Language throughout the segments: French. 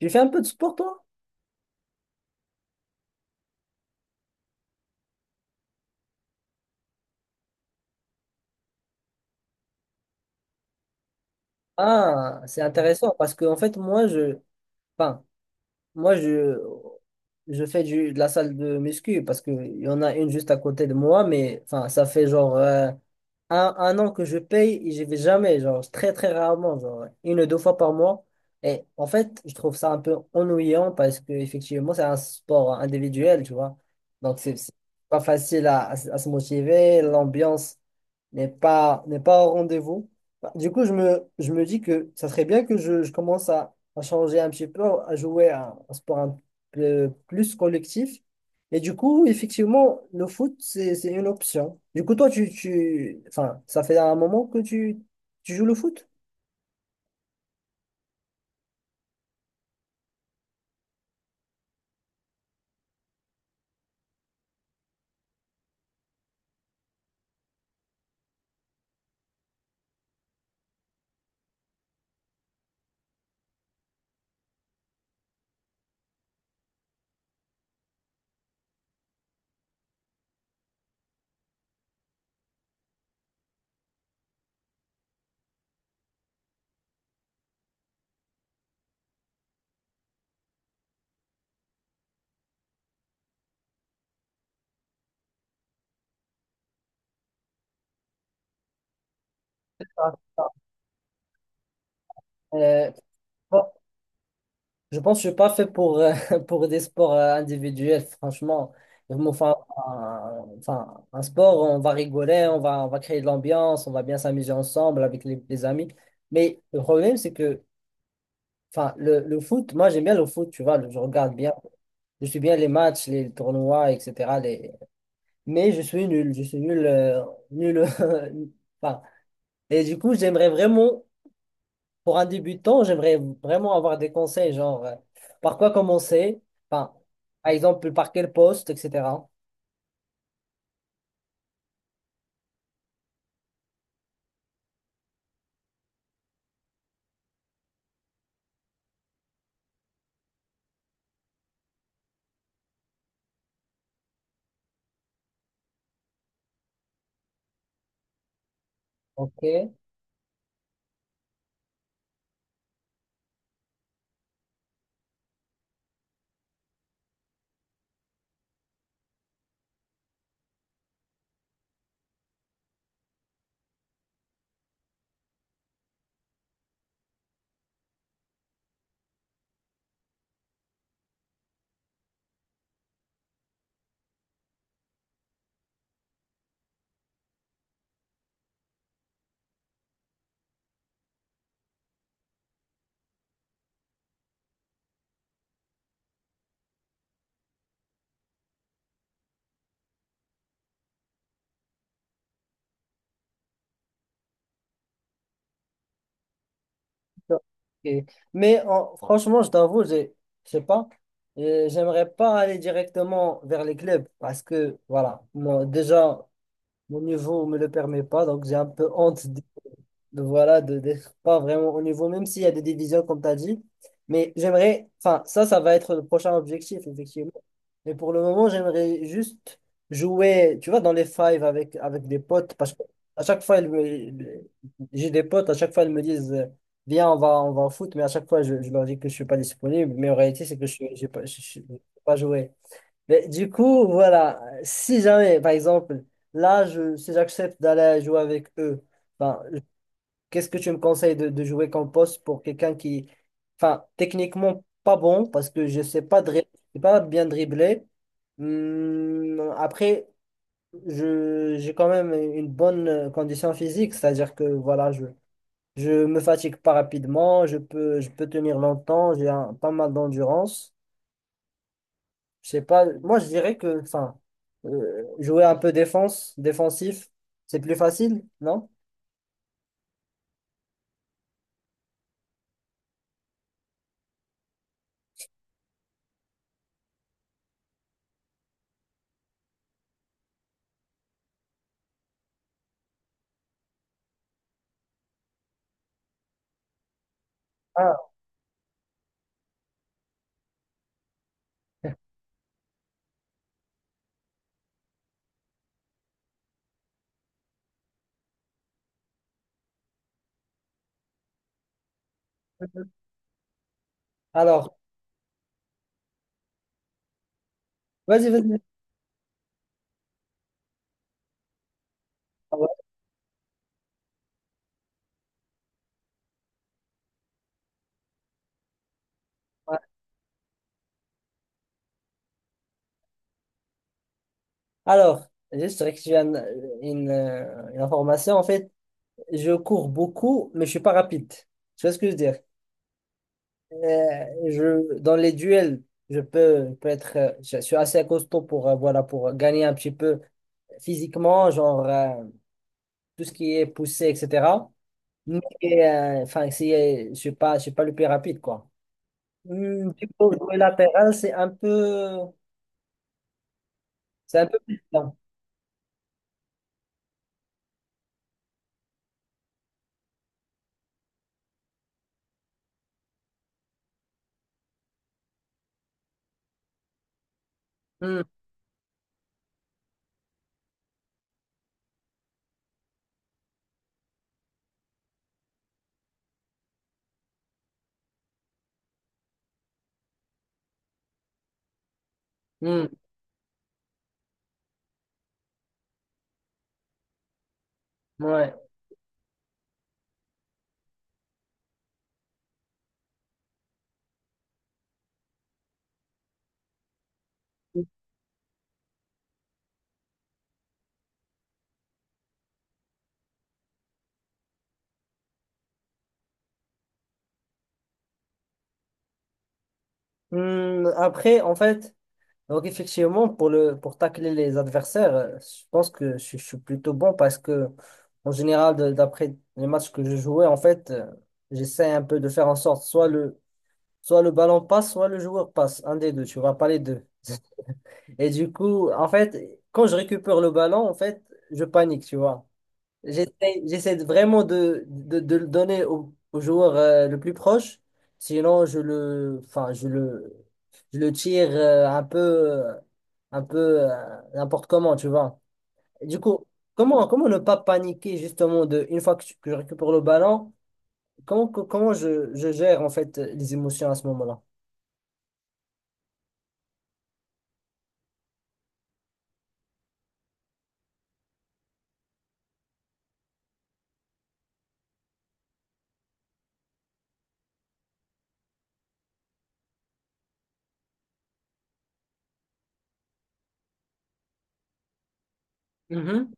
J'ai fait un peu de sport, toi? Ah, c'est intéressant parce que, en fait, enfin, moi, je fais du, de la salle de muscu parce qu'il y en a une juste à côté de moi, mais, enfin, ça fait genre un an que je paye et j'y vais jamais, genre très très rarement, genre une ou deux fois par mois. Et en fait, je trouve ça un peu ennuyant parce que effectivement, c'est un sport individuel, tu vois. Donc c'est pas facile à, à se motiver, l'ambiance n'est pas au rendez-vous. Bah, du coup, je me dis que ça serait bien que je commence à changer un petit peu, à jouer à un sport un peu plus collectif. Et du coup, effectivement, le foot, c'est une option. Du coup, toi, ça fait un moment que tu joues le foot? Ah, ah. Euh, bon, je pense que je suis pas fait pour, pour des sports individuels, franchement. Enfin, un sport, on va rigoler, on va créer de l'ambiance, on va bien s'amuser ensemble avec les amis. Mais le problème, c'est que, enfin, le foot, moi, j'aime bien le foot, tu vois, je regarde bien, je suis bien les matchs, les tournois, etc., les, mais je suis nul, je suis nul. Enfin, et du coup, j'aimerais vraiment, pour un débutant, j'aimerais vraiment avoir des conseils, genre par quoi commencer, enfin, par exemple, par quel poste, etc. Ok. Ok. Mais franchement, je t'avoue, je sais pas, j'aimerais pas aller directement vers les clubs parce que, voilà, moi, déjà, mon niveau me le permet pas, donc j'ai un peu honte de voilà, de, d'être pas vraiment au niveau, même s'il y a des divisions, comme tu as dit. Mais j'aimerais, enfin, ça va être le prochain objectif, effectivement. Mais pour le moment, j'aimerais juste jouer, tu vois, dans les fives avec, avec des potes, parce que à chaque fois, j'ai des potes, à chaque fois, ils me disent, viens, on va au foot, mais à chaque fois, je leur dis que je suis pas disponible, mais en réalité, c'est que je suis- j'ai pas, je peux pas joué. Mais du coup, voilà, si jamais, par exemple, si j'accepte d'aller jouer avec eux, ben, qu'est-ce que tu me conseilles de jouer comme poste pour quelqu'un qui, enfin, techniquement pas bon parce que je sais pas dribbler, je sais pas bien dribbler. Après, j'ai quand même une bonne condition physique, c'est-à-dire que voilà, je me fatigue pas rapidement, je peux tenir longtemps, pas mal d'endurance. Je sais pas, moi je dirais que, enfin, jouer un peu défense, défensif, c'est plus facile, non? Ah. Alors, vas-y, vas-y. Ah ouais. Alors, juste rectifier une information. En fait, je cours beaucoup, mais je suis pas rapide. Tu vois ce que je veux dire? Dans les duels, je peux être, je suis assez costaud pour, voilà, pour gagner un petit peu physiquement, genre tout ce qui est poussé, etc. Mais enfin, si, je suis pas le plus rapide, quoi. Hmm, du coup, jouer latéral, c'est un peu plus lent. Hmm, hmm, ouais. Hmm, après, en fait. Donc effectivement, pour tacler les adversaires, je pense que je suis plutôt bon parce que en général, d'après les matchs que je jouais, en fait, j'essaie un peu de faire en sorte soit le ballon passe, soit le joueur passe, un des deux, tu vois, pas les deux. Et du coup, en fait, quand je récupère le ballon, en fait, je panique, tu vois. J'essaie vraiment de, de le donner au, au joueur le plus proche. Sinon, je le, enfin, je le tire un peu, un peu n'importe comment, tu vois. Et du coup, comment ne pas paniquer justement de, une fois que, que je récupère le ballon, comment je gère en fait les émotions à ce moment-là? Mhm.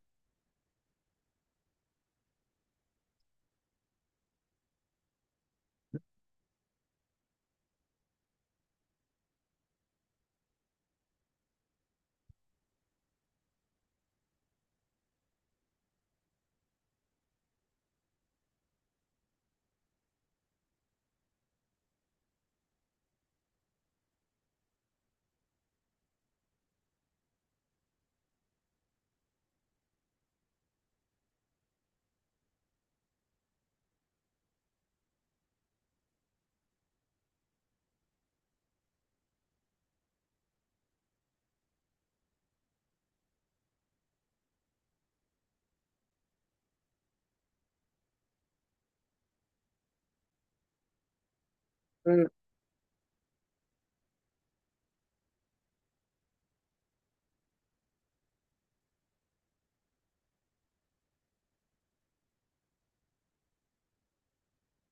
Mm,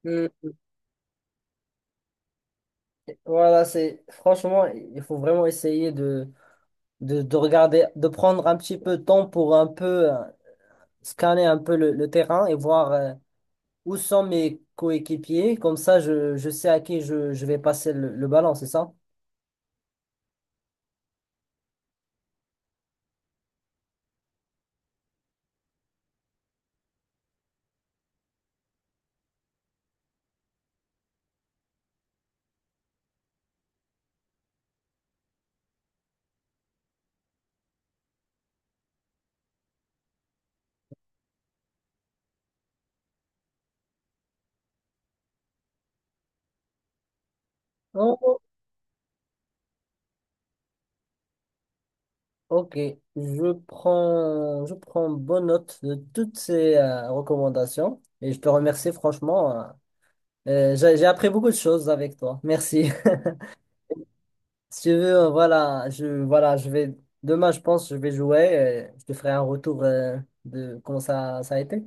mm. Voilà, c'est franchement, il faut vraiment essayer de, de regarder, de prendre un petit peu de temps pour un peu. Scanner un peu le terrain et voir où sont mes coéquipiers. Comme ça, je sais à qui je vais passer le ballon, c'est ça? Oh, ok, je prends bonne note de toutes ces recommandations et je te remercie franchement. J'ai appris beaucoup de choses avec toi. Merci. Si tu veux, voilà, voilà, je vais, demain, je pense, je vais jouer. Je te ferai un retour de comment ça a été.